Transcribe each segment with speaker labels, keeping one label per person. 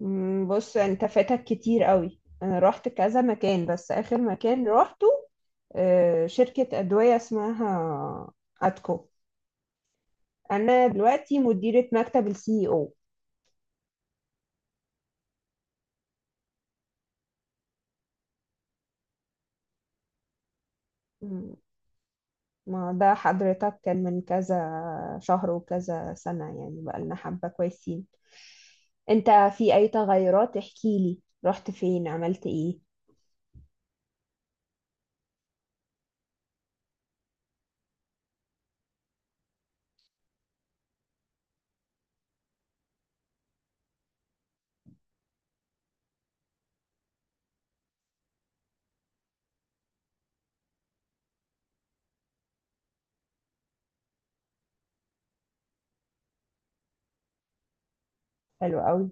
Speaker 1: بص انت فاتك كتير قوي. انا رحت كذا مكان، بس اخر مكان روحته شركة ادوية اسمها اتكو. انا دلوقتي مديرة مكتب السي او. ما ده حضرتك كان من كذا شهر وكذا سنة. يعني بقالنا حبة كويسين. انت، في اي تغيرات؟ احكيلي، رحت فين؟ عملت ايه؟ حلو قوي.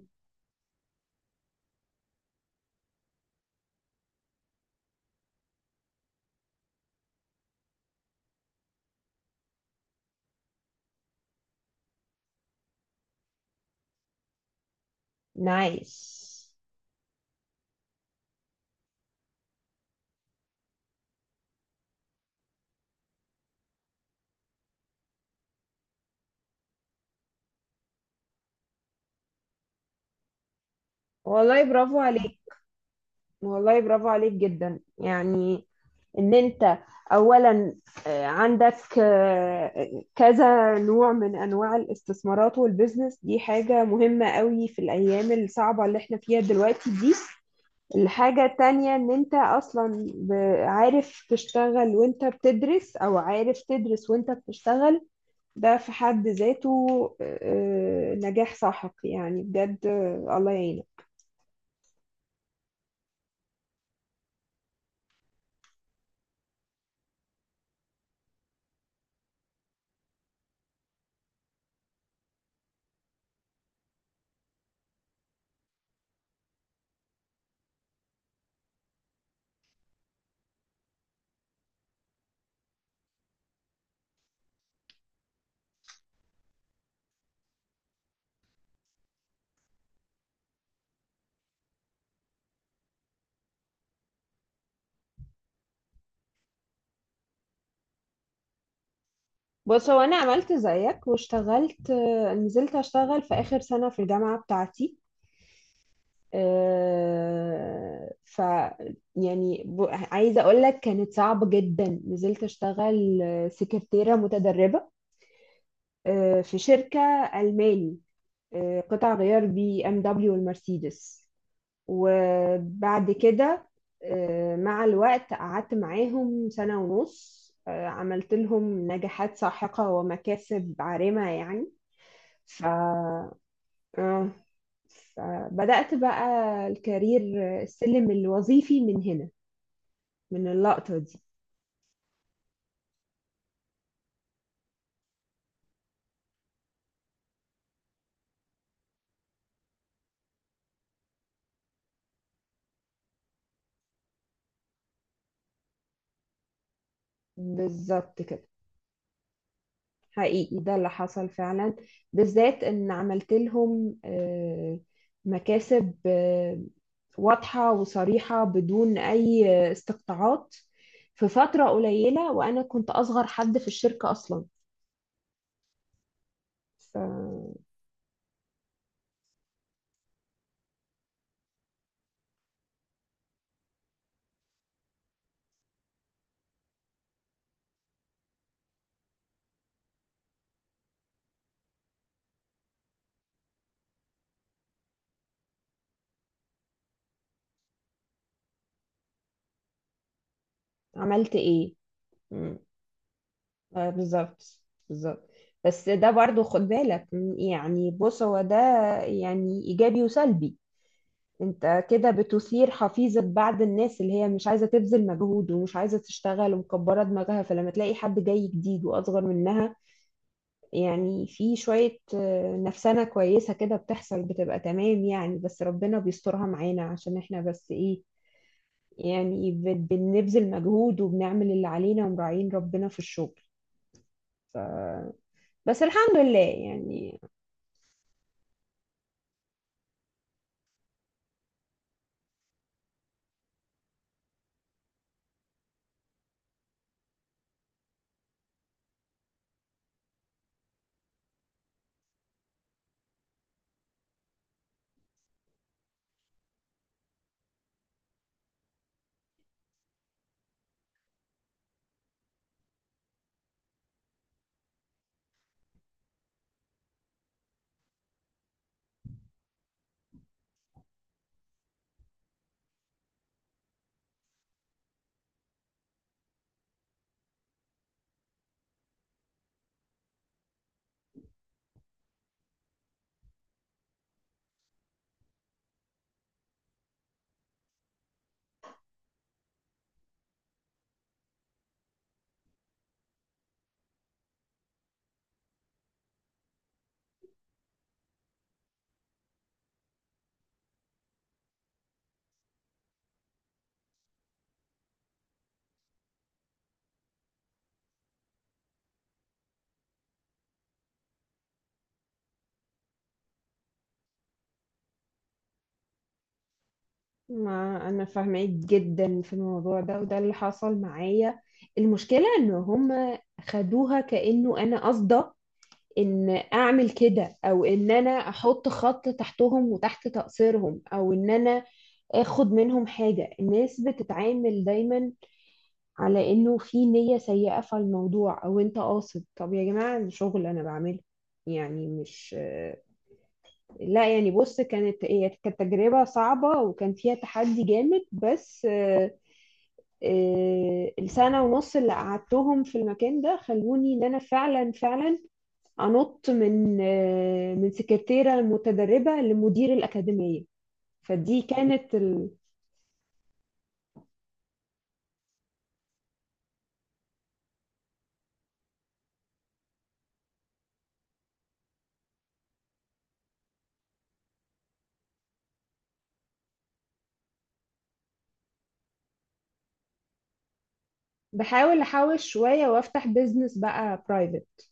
Speaker 1: نايس. والله برافو عليك. والله برافو عليك جدا يعني، ان انت اولا، عندك كذا نوع من انواع الاستثمارات والبزنس، دي حاجة مهمة قوي في الايام الصعبة اللي احنا فيها دلوقتي دي. الحاجة التانية ان انت اصلا عارف تشتغل وانت بتدرس، او عارف تدرس وانت بتشتغل. ده في حد ذاته آه، نجاح ساحق يعني بجد. الله يعينك. بص، هو انا عملت زيك واشتغلت، نزلت اشتغل في اخر سنة في الجامعة بتاعتي. آه، ف يعني عايزة اقول لك كانت صعبة جدا. نزلت اشتغل سكرتيرة متدربة في شركة ألماني، قطع غيار BMW والمرسيدس. وبعد كده، مع الوقت قعدت معاهم سنة ونص. عملت لهم نجاحات ساحقة ومكاسب عارمة يعني. ف آه. فبدأت بقى الكارير، السلم الوظيفي، من هنا، من اللقطة دي. بالظبط كده، حقيقي ده اللي حصل فعلا، بالذات ان عملت لهم مكاسب واضحة وصريحة بدون اي استقطاعات في فترة قليلة. وانا كنت اصغر حد في الشركة اصلا. فعملت ايه؟ بالظبط، بالظبط. بس ده برضو خد بالك، يعني بص هو ده يعني إيجابي وسلبي. انت كده بتثير حفيظة بعض الناس اللي هي مش عايزة تبذل مجهود ومش عايزة تشتغل ومكبرة دماغها. فلما تلاقي حد جاي جديد وأصغر منها، يعني في شوية نفسنة كويسة كده بتحصل، بتبقى تمام يعني. بس ربنا بيسترها معانا، عشان احنا بس ايه، يعني بنبذل مجهود وبنعمل اللي علينا ومراعين ربنا في الشغل. ف... بس الحمد لله يعني. ما انا فاهمه جدا في الموضوع ده، وده اللي حصل معايا. المشكله ان هم خدوها كانه انا قصده ان اعمل كده، او ان انا احط خط تحتهم وتحت تقصيرهم، او ان انا اخد منهم حاجه. الناس بتتعامل دايما على انه في نيه سيئه في الموضوع، او انت قاصد. طب يا جماعه، شغل انا بعمله يعني، مش، لا يعني. بص، هي كانت تجربة صعبة وكان فيها تحدي جامد. بس السنة ونص اللي قعدتهم في المكان ده خلوني ان انا فعلا فعلا انط من من سكرتيرة متدربة لمدير الأكاديمية. فدي كانت بحاول احوش شوية وافتح بيزنس بقى برايفت.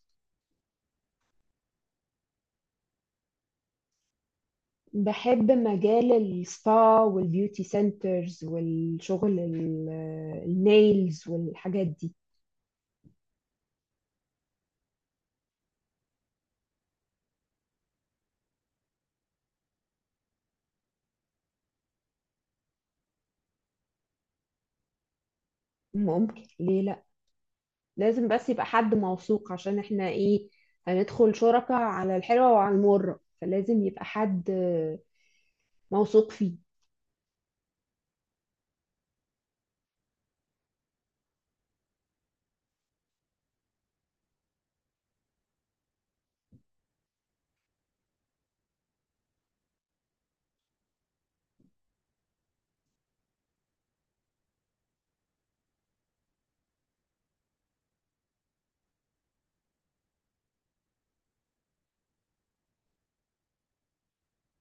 Speaker 1: بحب مجال السبا والبيوتي سنترز والشغل النيلز والحاجات دي. ممكن، ليه لا. لازم بس يبقى حد موثوق، عشان احنا ايه، هندخل شركة على الحلوة وعلى المرة، فلازم يبقى حد موثوق فيه.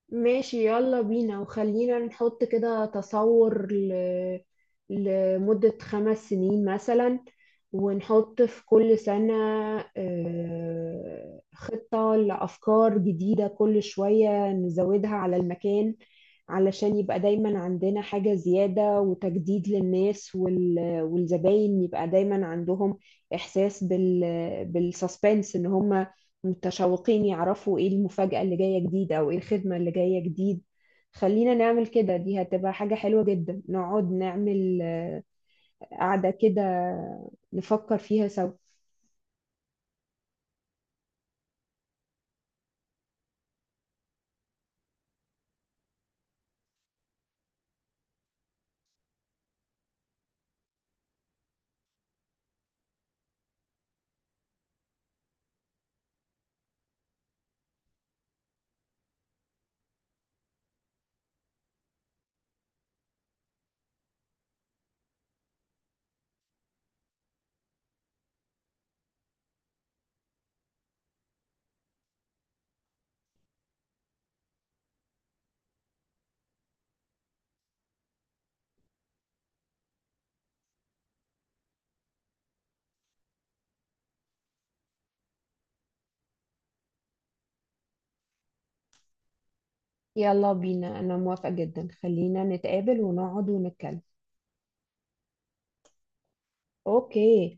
Speaker 1: ماشي، يلا بينا. وخلينا نحط كده تصور لمدة 5 سنين مثلا، ونحط في كل سنة خطة لأفكار جديدة كل شوية نزودها على المكان، علشان يبقى دايما عندنا حاجة زيادة وتجديد للناس، والزباين يبقى دايما عندهم إحساس بالسسبنس، إن هم متشوقين يعرفوا إيه المفاجأة اللي جاية جديد أو إيه الخدمة اللي جاية جديد. خلينا نعمل كده، دي هتبقى حاجة حلوة جدا. نقعد نعمل قعدة كده، نفكر فيها سوا. يلا بينا، أنا موافقة جدا. خلينا نتقابل ونقعد ونتكلم. أوكي.